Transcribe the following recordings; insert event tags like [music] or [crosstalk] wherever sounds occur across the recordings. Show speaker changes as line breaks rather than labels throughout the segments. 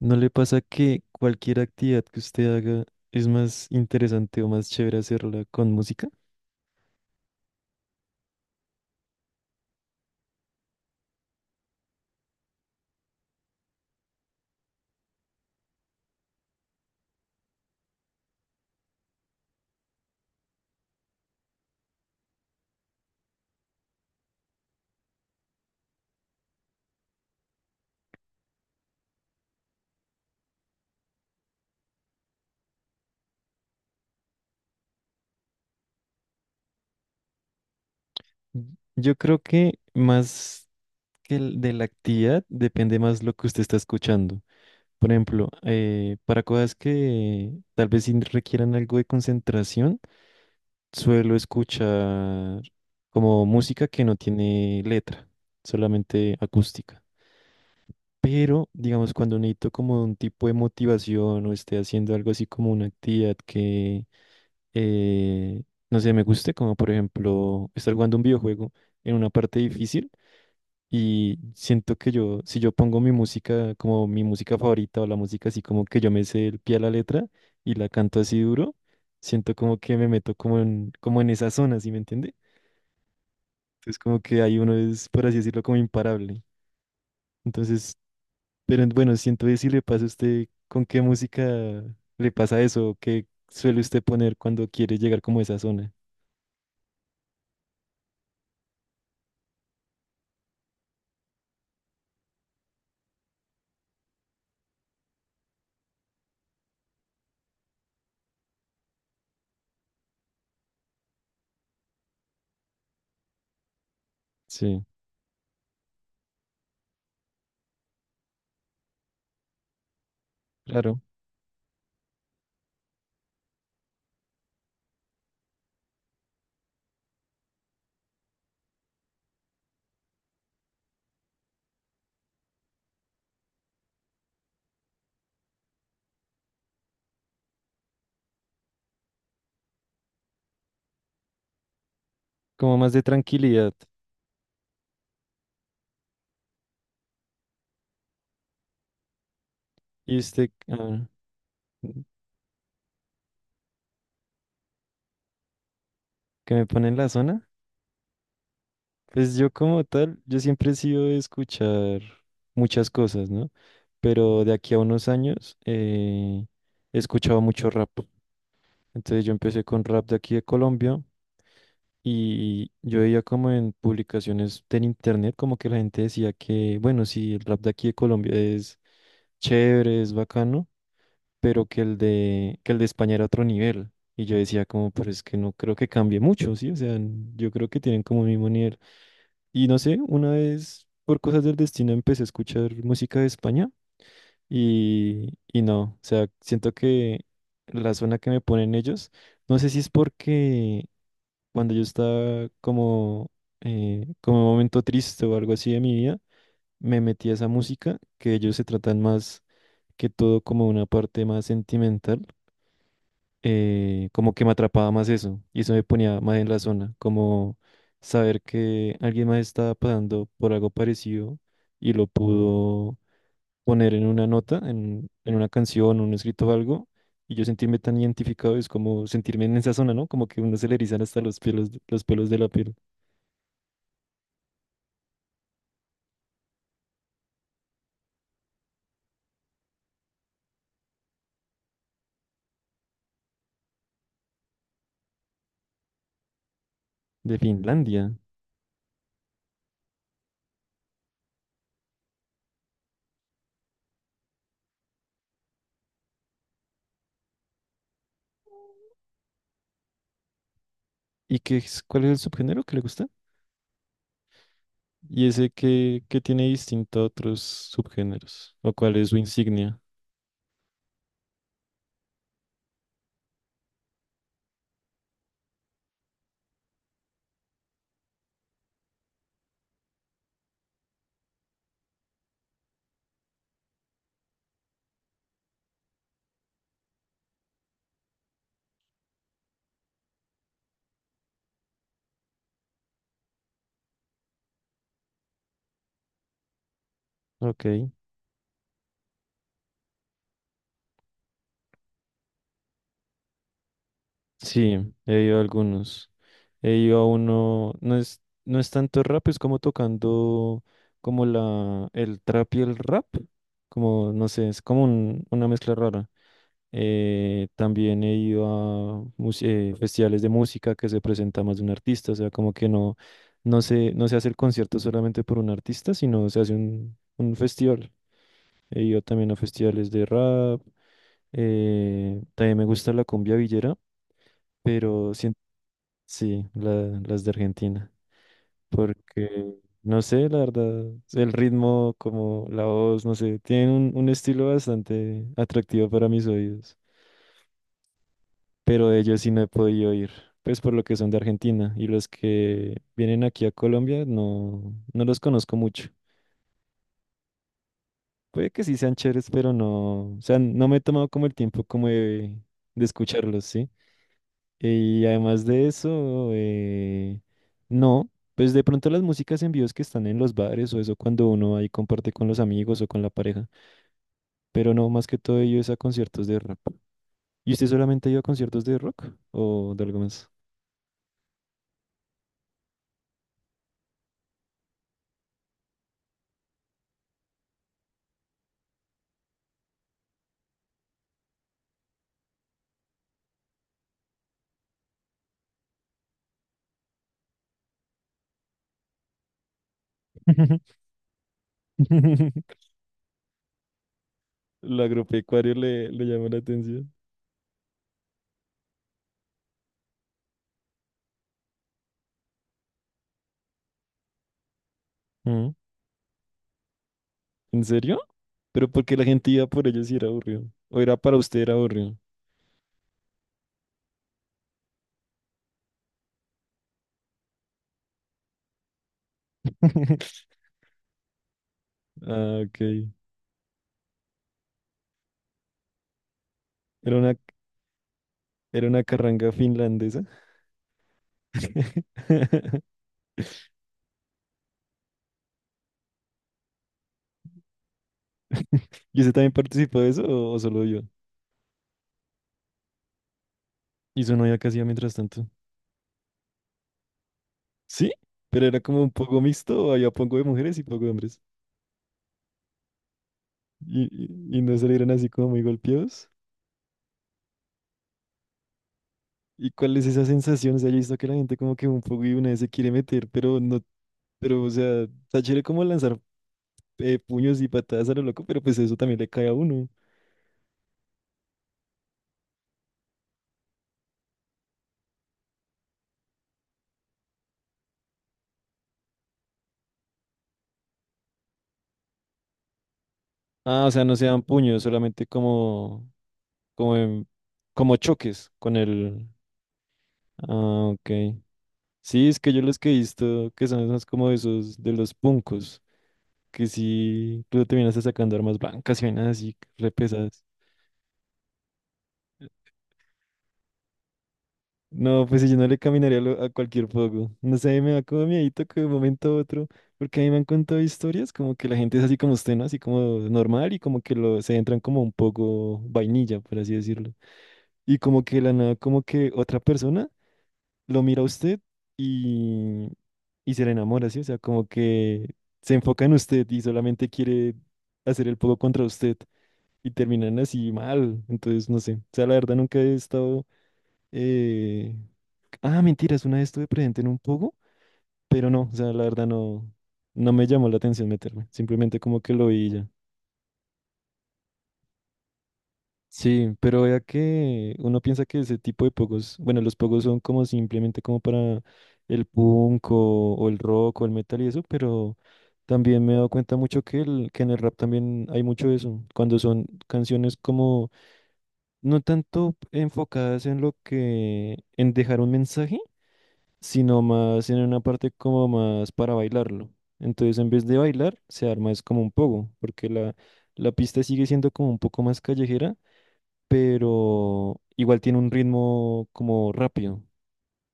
¿No le pasa que cualquier actividad que usted haga es más interesante o más chévere hacerla con música? Y- Yo creo que más que el de la actividad depende más lo que usted está escuchando. Por ejemplo, para cosas que tal vez sí requieran algo de concentración, suelo escuchar como música que no tiene letra, solamente acústica. Pero, digamos, cuando necesito como un tipo de motivación o esté haciendo algo así como una actividad que eh, no sé, me guste, como por ejemplo estar jugando un videojuego en una parte difícil y siento que yo, si yo pongo mi música como mi música favorita o la música así como que yo me sé el pie a la letra y la canto así duro, siento como que me meto como en, como en esa zona, ¿sí me entiende? Entonces como que ahí uno es, por así decirlo, como imparable. Entonces, pero bueno, siento que si le pasa a usted, ¿con qué música le pasa eso? ¿Qué suele usted poner cuando quiere llegar como a esa zona? Sí, claro. Como más de tranquilidad. ¿Y usted que me pone en la zona? Pues yo como tal, yo siempre he sido de escuchar muchas cosas, ¿no? Pero de aquí a unos años he escuchado mucho rap. Entonces yo empecé con rap de aquí de Colombia y yo veía como en publicaciones del internet como que la gente decía que, bueno, sí, el rap de aquí de Colombia es chévere, es bacano, pero que el de España era otro nivel. Y yo decía como, pero es que no creo que cambie mucho, ¿sí? O sea, yo creo que tienen como el mismo nivel. Y no sé, una vez por cosas del destino empecé a escuchar música de España y no, o sea, siento que la zona que me ponen ellos, no sé si es porque cuando yo estaba como, como en un momento triste o algo así de mi vida, me metí a esa música que ellos se tratan más que todo como una parte más sentimental como que me atrapaba más eso y eso me ponía más en la zona, como saber que alguien más estaba pasando por algo parecido y lo pudo poner en una nota, en una canción, un escrito o algo, y yo sentirme tan identificado es como sentirme en esa zona, ¿no? Como que uno se le erizan hasta los pelos de la piel de Finlandia. ¿Y qué es, cuál es el subgénero que le gusta? ¿Y ese que, tiene distinto a otros subgéneros? ¿O cuál es su insignia? Ok. Sí, he ido a algunos. He ido a uno, no es, no es tanto rap, es como tocando como el trap y el rap. Como, no sé, es como una mezcla rara. También he ido a festivales de música que se presenta más de un artista, o sea, como que no, no se hace el concierto solamente por un artista, sino se hace un festival. He ido también a festivales de rap, también me gusta la cumbia villera, pero siento. Sí, las de Argentina. Porque, no sé, la verdad, el ritmo, como la voz, no sé, tienen un estilo bastante atractivo para mis oídos. Pero de ellos sí no he podido oír, pues por lo que son de Argentina. Y los que vienen aquí a Colombia no, no los conozco mucho. Puede que sí sean chéveres, pero no, o sea, no me he tomado como el tiempo como de escucharlos, ¿sí? Y además de eso, no, pues de pronto las músicas en vivos que están en los bares o eso cuando uno ahí comparte con los amigos o con la pareja, pero no, más que todo ello es a conciertos de rap. ¿Y usted solamente ha ido a conciertos de rock o de algo más? [laughs] Lo agropecuario le, le llama la atención. Mm. ¿En serio? Pero porque la gente iba por ellos y era aburrido. O era para usted era aburrido. [laughs] Ah, ok. Era una, era una carranga finlandesa. [laughs] ¿Y usted también participó de eso o solo yo? ¿Y su novia qué hacía mientras tanto? ¿Sí? ¿Pero era como un poco mixto había poco de mujeres y poco de hombres? ¿Y, y no salieron así como muy golpeados? ¿Y cuál es esa sensación? O sea, yo he visto que la gente como que un poco y una vez se quiere meter, pero no, pero o sea, está chévere como lanzar puños y patadas a lo loco, pero pues eso también le cae a uno. Ah, o sea, no se dan puños, solamente como, como, como choques con el... Ah, ok. Sí, es que yo los que he visto que son esos como esos de los puncos, que sí, luego terminas sacando armas blancas y vainas así, re pesadas. No, pues si yo no le caminaría a a cualquier fuego. No sé, me da como miedito que de un momento a otro, porque a mí me han contado historias como que la gente es así como usted, ¿no? Así como normal y como que lo, se entran como un poco vainilla, por así decirlo. Y como que de la nada, como que otra persona lo mira a usted y, y se le enamora, ¿sí? O sea, como que se enfoca en usted y solamente quiere hacer el poco contra usted y terminan así mal. Entonces, no sé. O sea, la verdad nunca he estado... eh, Ah, mentiras, una vez estuve presente en un poco, pero no, o sea, la verdad no, no me llamó la atención meterme. Simplemente como que lo vi y ya. Sí, pero vea que uno piensa que ese tipo de pogos, bueno, los pogos son como simplemente como para el punk o el rock o el metal y eso, pero también me he dado cuenta mucho que, que en el rap también hay mucho de eso, cuando son canciones como no tanto enfocadas en lo que, en dejar un mensaje, sino más en una parte como más para bailarlo. Entonces, en vez de bailar, se arma es como un pogo, porque la pista sigue siendo como un poco más callejera pero igual tiene un ritmo como rápido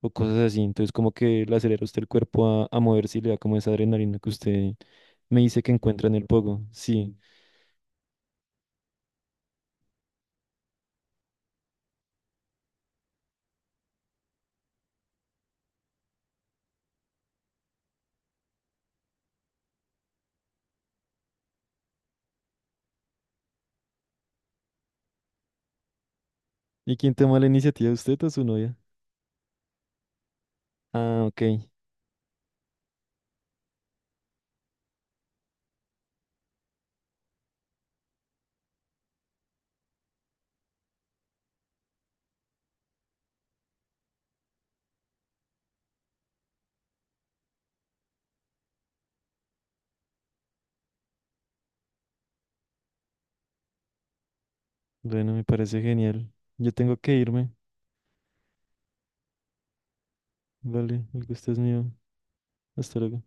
o cosas así. Entonces como que le acelera a usted el cuerpo a moverse y le da como esa adrenalina que usted me dice que encuentra en el pogo. Sí. ¿Y quién toma la iniciativa, usted o su novia? Ah, ok. Bueno, me parece genial. Yo tengo que irme. Vale, el gusto es mío. Hasta luego.